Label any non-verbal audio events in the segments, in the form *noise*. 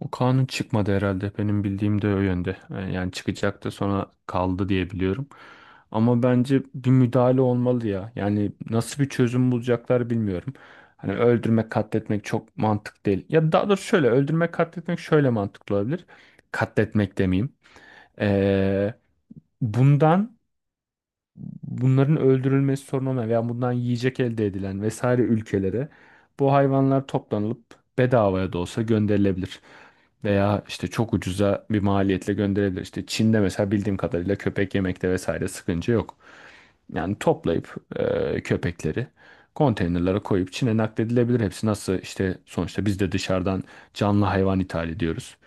O kanun çıkmadı herhalde. Benim bildiğim de o yönde. Yani çıkacaktı sonra kaldı diye biliyorum. Ama bence bir müdahale olmalı ya. Yani nasıl bir çözüm bulacaklar bilmiyorum. Hani öldürmek, katletmek çok mantık değil. Ya daha doğrusu şöyle öldürmek, katletmek şöyle mantıklı olabilir. Katletmek demeyeyim. Ee, bundan bunların öldürülmesi sorun olmayan veya bundan yiyecek elde edilen vesaire ülkelere bu hayvanlar toplanılıp bedavaya da olsa gönderilebilir. Veya işte çok ucuza bir maliyetle gönderilebilir. İşte Çin'de mesela bildiğim kadarıyla köpek yemekte vesaire sıkıntı yok. Yani toplayıp köpekleri konteynerlara koyup Çin'e nakledilebilir. Hepsi nasıl işte sonuçta biz de dışarıdan canlı hayvan ithal ediyoruz.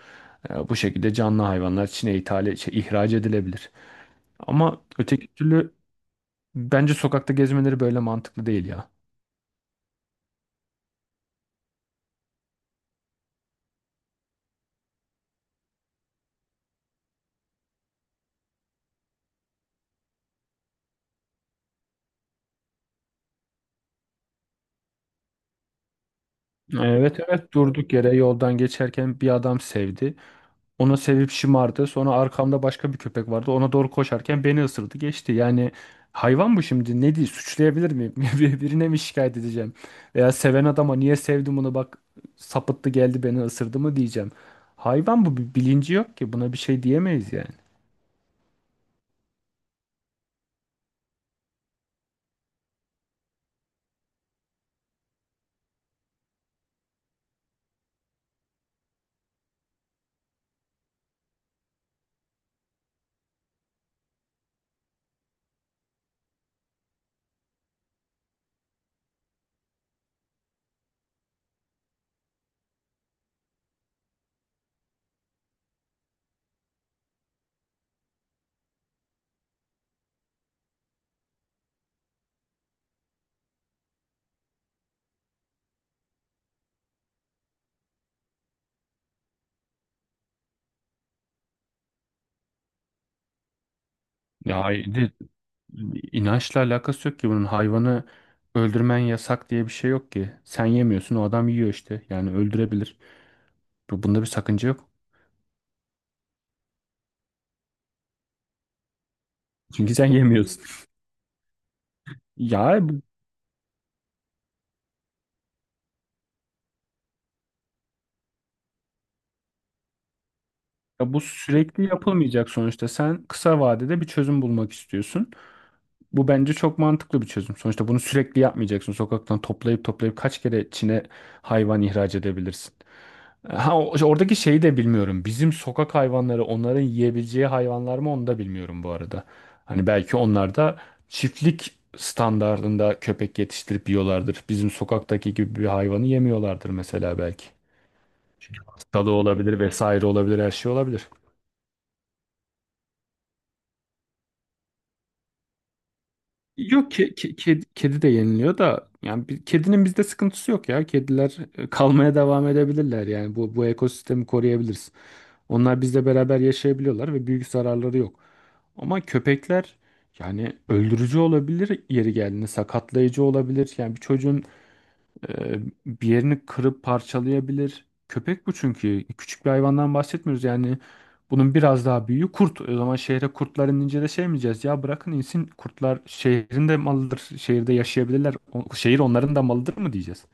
Bu şekilde canlı hayvanlar Çin'e ihraç edilebilir. Ama öteki türlü bence sokakta gezmeleri böyle mantıklı değil ya. Evet, evet, durduk yere yoldan geçerken bir adam sevdi. Ona sevip şımardı. Sonra arkamda başka bir köpek vardı. Ona doğru koşarken beni ısırdı geçti. Yani hayvan bu, şimdi ne diye suçlayabilir miyim? *laughs* Birine mi şikayet edeceğim? Veya seven adama niye sevdim bunu bak sapıttı geldi beni ısırdı mı diyeceğim? Hayvan bu, bir bilinci yok ki, buna bir şey diyemeyiz yani. Ya hay- de, inançla alakası yok ki bunun. Hayvanı öldürmen yasak diye bir şey yok ki. Sen yemiyorsun, o adam yiyor işte. Yani öldürebilir. Bunda bir sakınca yok. Çünkü sen yemiyorsun. *laughs* Ya bu, ya bu sürekli yapılmayacak sonuçta. Sen kısa vadede bir çözüm bulmak istiyorsun. Bu bence çok mantıklı bir çözüm. Sonuçta bunu sürekli yapmayacaksın. Sokaktan toplayıp toplayıp kaç kere Çin'e hayvan ihraç edebilirsin? Ha, oradaki şeyi de bilmiyorum. Bizim sokak hayvanları onların yiyebileceği hayvanlar mı onu da bilmiyorum bu arada. Hani belki onlar da çiftlik standardında köpek yetiştirip yiyorlardır. Bizim sokaktaki gibi bir hayvanı yemiyorlardır mesela belki. Hastalığı olabilir vesaire, olabilir her şey olabilir. Yok, kedi de yeniliyor da yani kedinin bizde sıkıntısı yok ya. Kediler kalmaya devam edebilirler, yani bu ekosistemi koruyabiliriz. Onlar bizle beraber yaşayabiliyorlar ve büyük zararları yok. Ama köpekler yani öldürücü olabilir, yeri geldiğinde sakatlayıcı olabilir. Yani bir çocuğun ee, bir yerini kırıp parçalayabilir. Köpek bu çünkü. Küçük bir hayvandan bahsetmiyoruz. Yani bunun biraz daha büyüğü kurt. O zaman şehre kurtlar inince de şey mi diyeceğiz? Ya bırakın insin kurtlar, şehrin de malıdır. Şehirde yaşayabilirler. Şehir onların da malıdır mı diyeceğiz?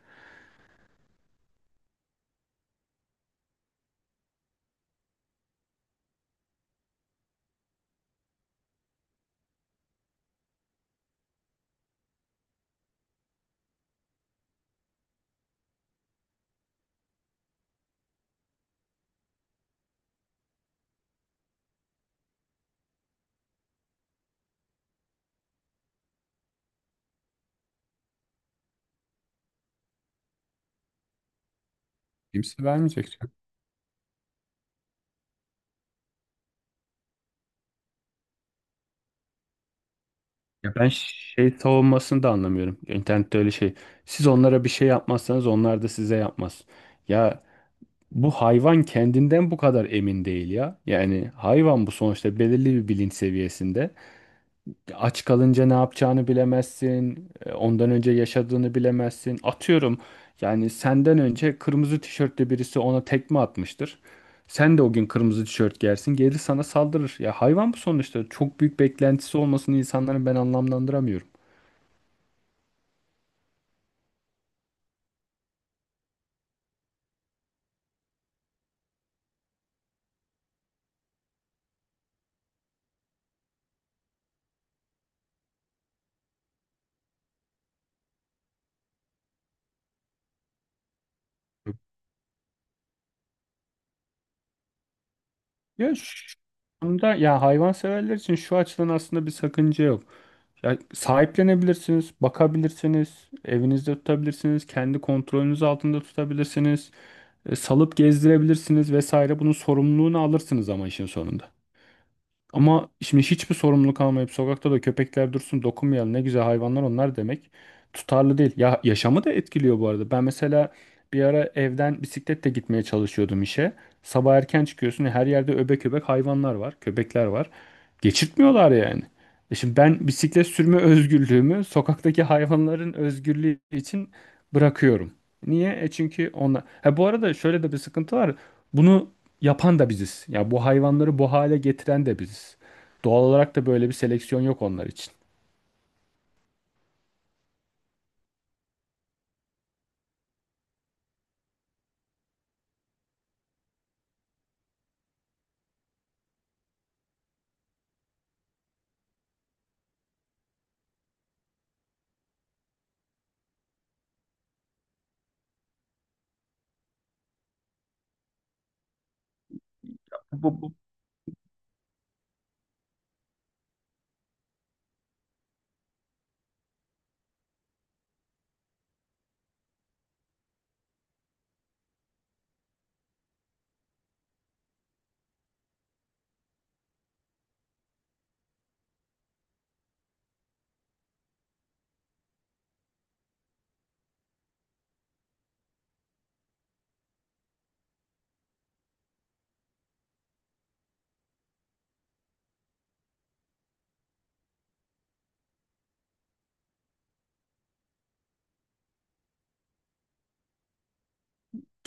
Kimse vermeyecek canım. Ya ben şey savunmasını da anlamıyorum. İnternette öyle şey. Siz onlara bir şey yapmazsanız onlar da size yapmaz. Ya bu hayvan kendinden bu kadar emin değil ya. Yani hayvan bu sonuçta, belirli bir bilinç seviyesinde. Aç kalınca ne yapacağını bilemezsin. Ondan önce yaşadığını bilemezsin. Atıyorum, yani senden önce kırmızı tişörtlü birisi ona tekme atmıştır. Sen de o gün kırmızı tişört giyersin. Geri sana saldırır. Ya hayvan bu sonuçta. Çok büyük beklentisi olmasını insanların ben anlamlandıramıyorum. Ya şu anda hayvanseverler için şu açıdan aslında bir sakınca yok. Ya sahiplenebilirsiniz, bakabilirsiniz, evinizde tutabilirsiniz, kendi kontrolünüz altında tutabilirsiniz, salıp gezdirebilirsiniz vesaire. Bunun sorumluluğunu alırsınız ama işin sonunda. Ama şimdi hiçbir sorumluluk almayıp sokakta da köpekler dursun, dokunmayalım ne güzel hayvanlar onlar demek tutarlı değil. Ya yaşamı da etkiliyor bu arada. Ben mesela bir ara evden bisikletle gitmeye çalışıyordum işe. Sabah erken çıkıyorsun, her yerde öbek öbek hayvanlar var, köpekler var. Geçirtmiyorlar yani. E şimdi ben bisiklet sürme özgürlüğümü sokaktaki hayvanların özgürlüğü için bırakıyorum. Niye? E çünkü onlar. Ha, bu arada şöyle de bir sıkıntı var. Bunu yapan da biziz. Ya bu hayvanları bu hale getiren de biziz. Doğal olarak da böyle bir seleksiyon yok onlar için. Bu, bu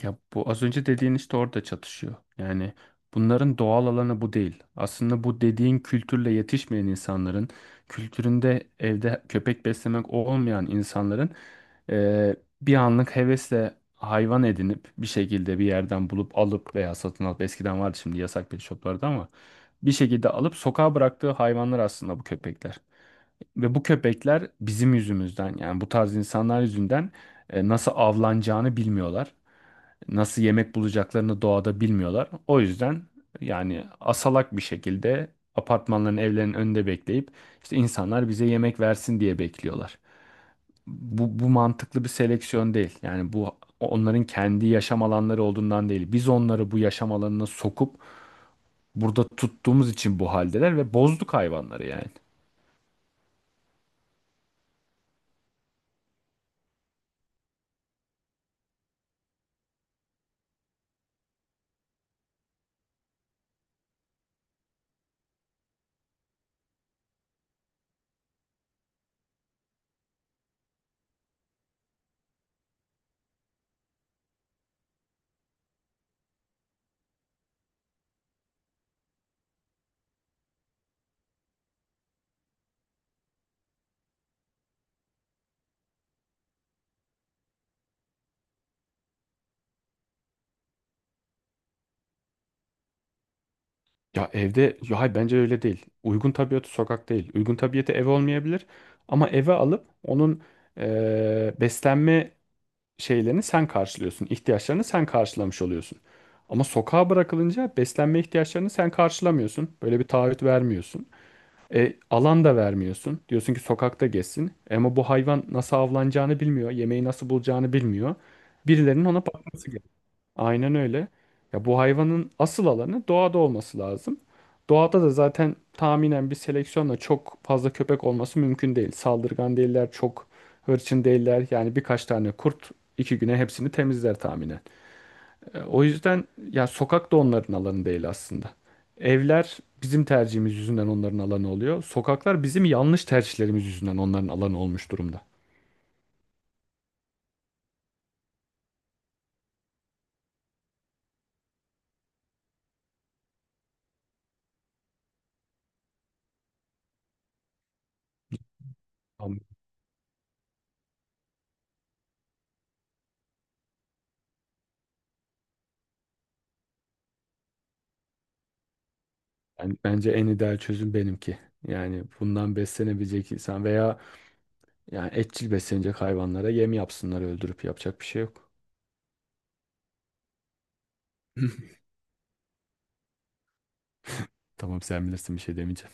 Ya bu az önce dediğin işte orada çatışıyor. Yani bunların doğal alanı bu değil. Aslında bu dediğin kültürle yetişmeyen insanların, kültüründe evde köpek beslemek olmayan insanların eee, bir anlık hevesle hayvan edinip bir şekilde bir yerden bulup alıp veya satın alıp, eskiden vardı şimdi yasak pet shoplarda, ama bir şekilde alıp sokağa bıraktığı hayvanlar aslında bu köpekler. Ve bu köpekler bizim yüzümüzden, yani bu tarz insanlar yüzünden, nasıl avlanacağını bilmiyorlar. Nasıl yemek bulacaklarını doğada bilmiyorlar. O yüzden yani asalak bir şekilde apartmanların, evlerinin önünde bekleyip işte insanlar bize yemek versin diye bekliyorlar. Bu mantıklı bir seleksiyon değil. Yani bu onların kendi yaşam alanları olduğundan değil. Biz onları bu yaşam alanına sokup burada tuttuğumuz için bu haldeler ve bozduk hayvanları yani. Ya hayır bence öyle değil. Uygun tabiatı sokak değil. Uygun tabiatı ev olmayabilir. Ama eve alıp onun beslenme şeylerini sen karşılıyorsun. İhtiyaçlarını sen karşılamış oluyorsun. Ama sokağa bırakılınca beslenme ihtiyaçlarını sen karşılamıyorsun. Böyle bir taahhüt vermiyorsun. E, alan da vermiyorsun. Diyorsun ki sokakta gezsin. Ama bu hayvan nasıl avlanacağını bilmiyor. Yemeği nasıl bulacağını bilmiyor. Birilerinin ona bakması. Aynen öyle. Ya bu hayvanın asıl alanı doğada olması lazım. Doğada da zaten tahminen bir seleksiyonla çok fazla köpek olması mümkün değil. Saldırgan değiller, çok hırçın değiller. Yani birkaç tane kurt iki güne hepsini temizler tahminen. E, o yüzden ya sokak da onların alanı değil aslında. Evler bizim tercihimiz yüzünden onların alanı oluyor. Sokaklar bizim yanlış tercihlerimiz yüzünden onların alanı olmuş durumda. Ama bence en ideal çözüm benimki. Yani bundan beslenebilecek insan veya yani etçil beslenecek hayvanlara yem yapsınlar, öldürüp yapacak bir şey yok. *laughs* Tamam, sen bilirsin, bir şey demeyeceğim.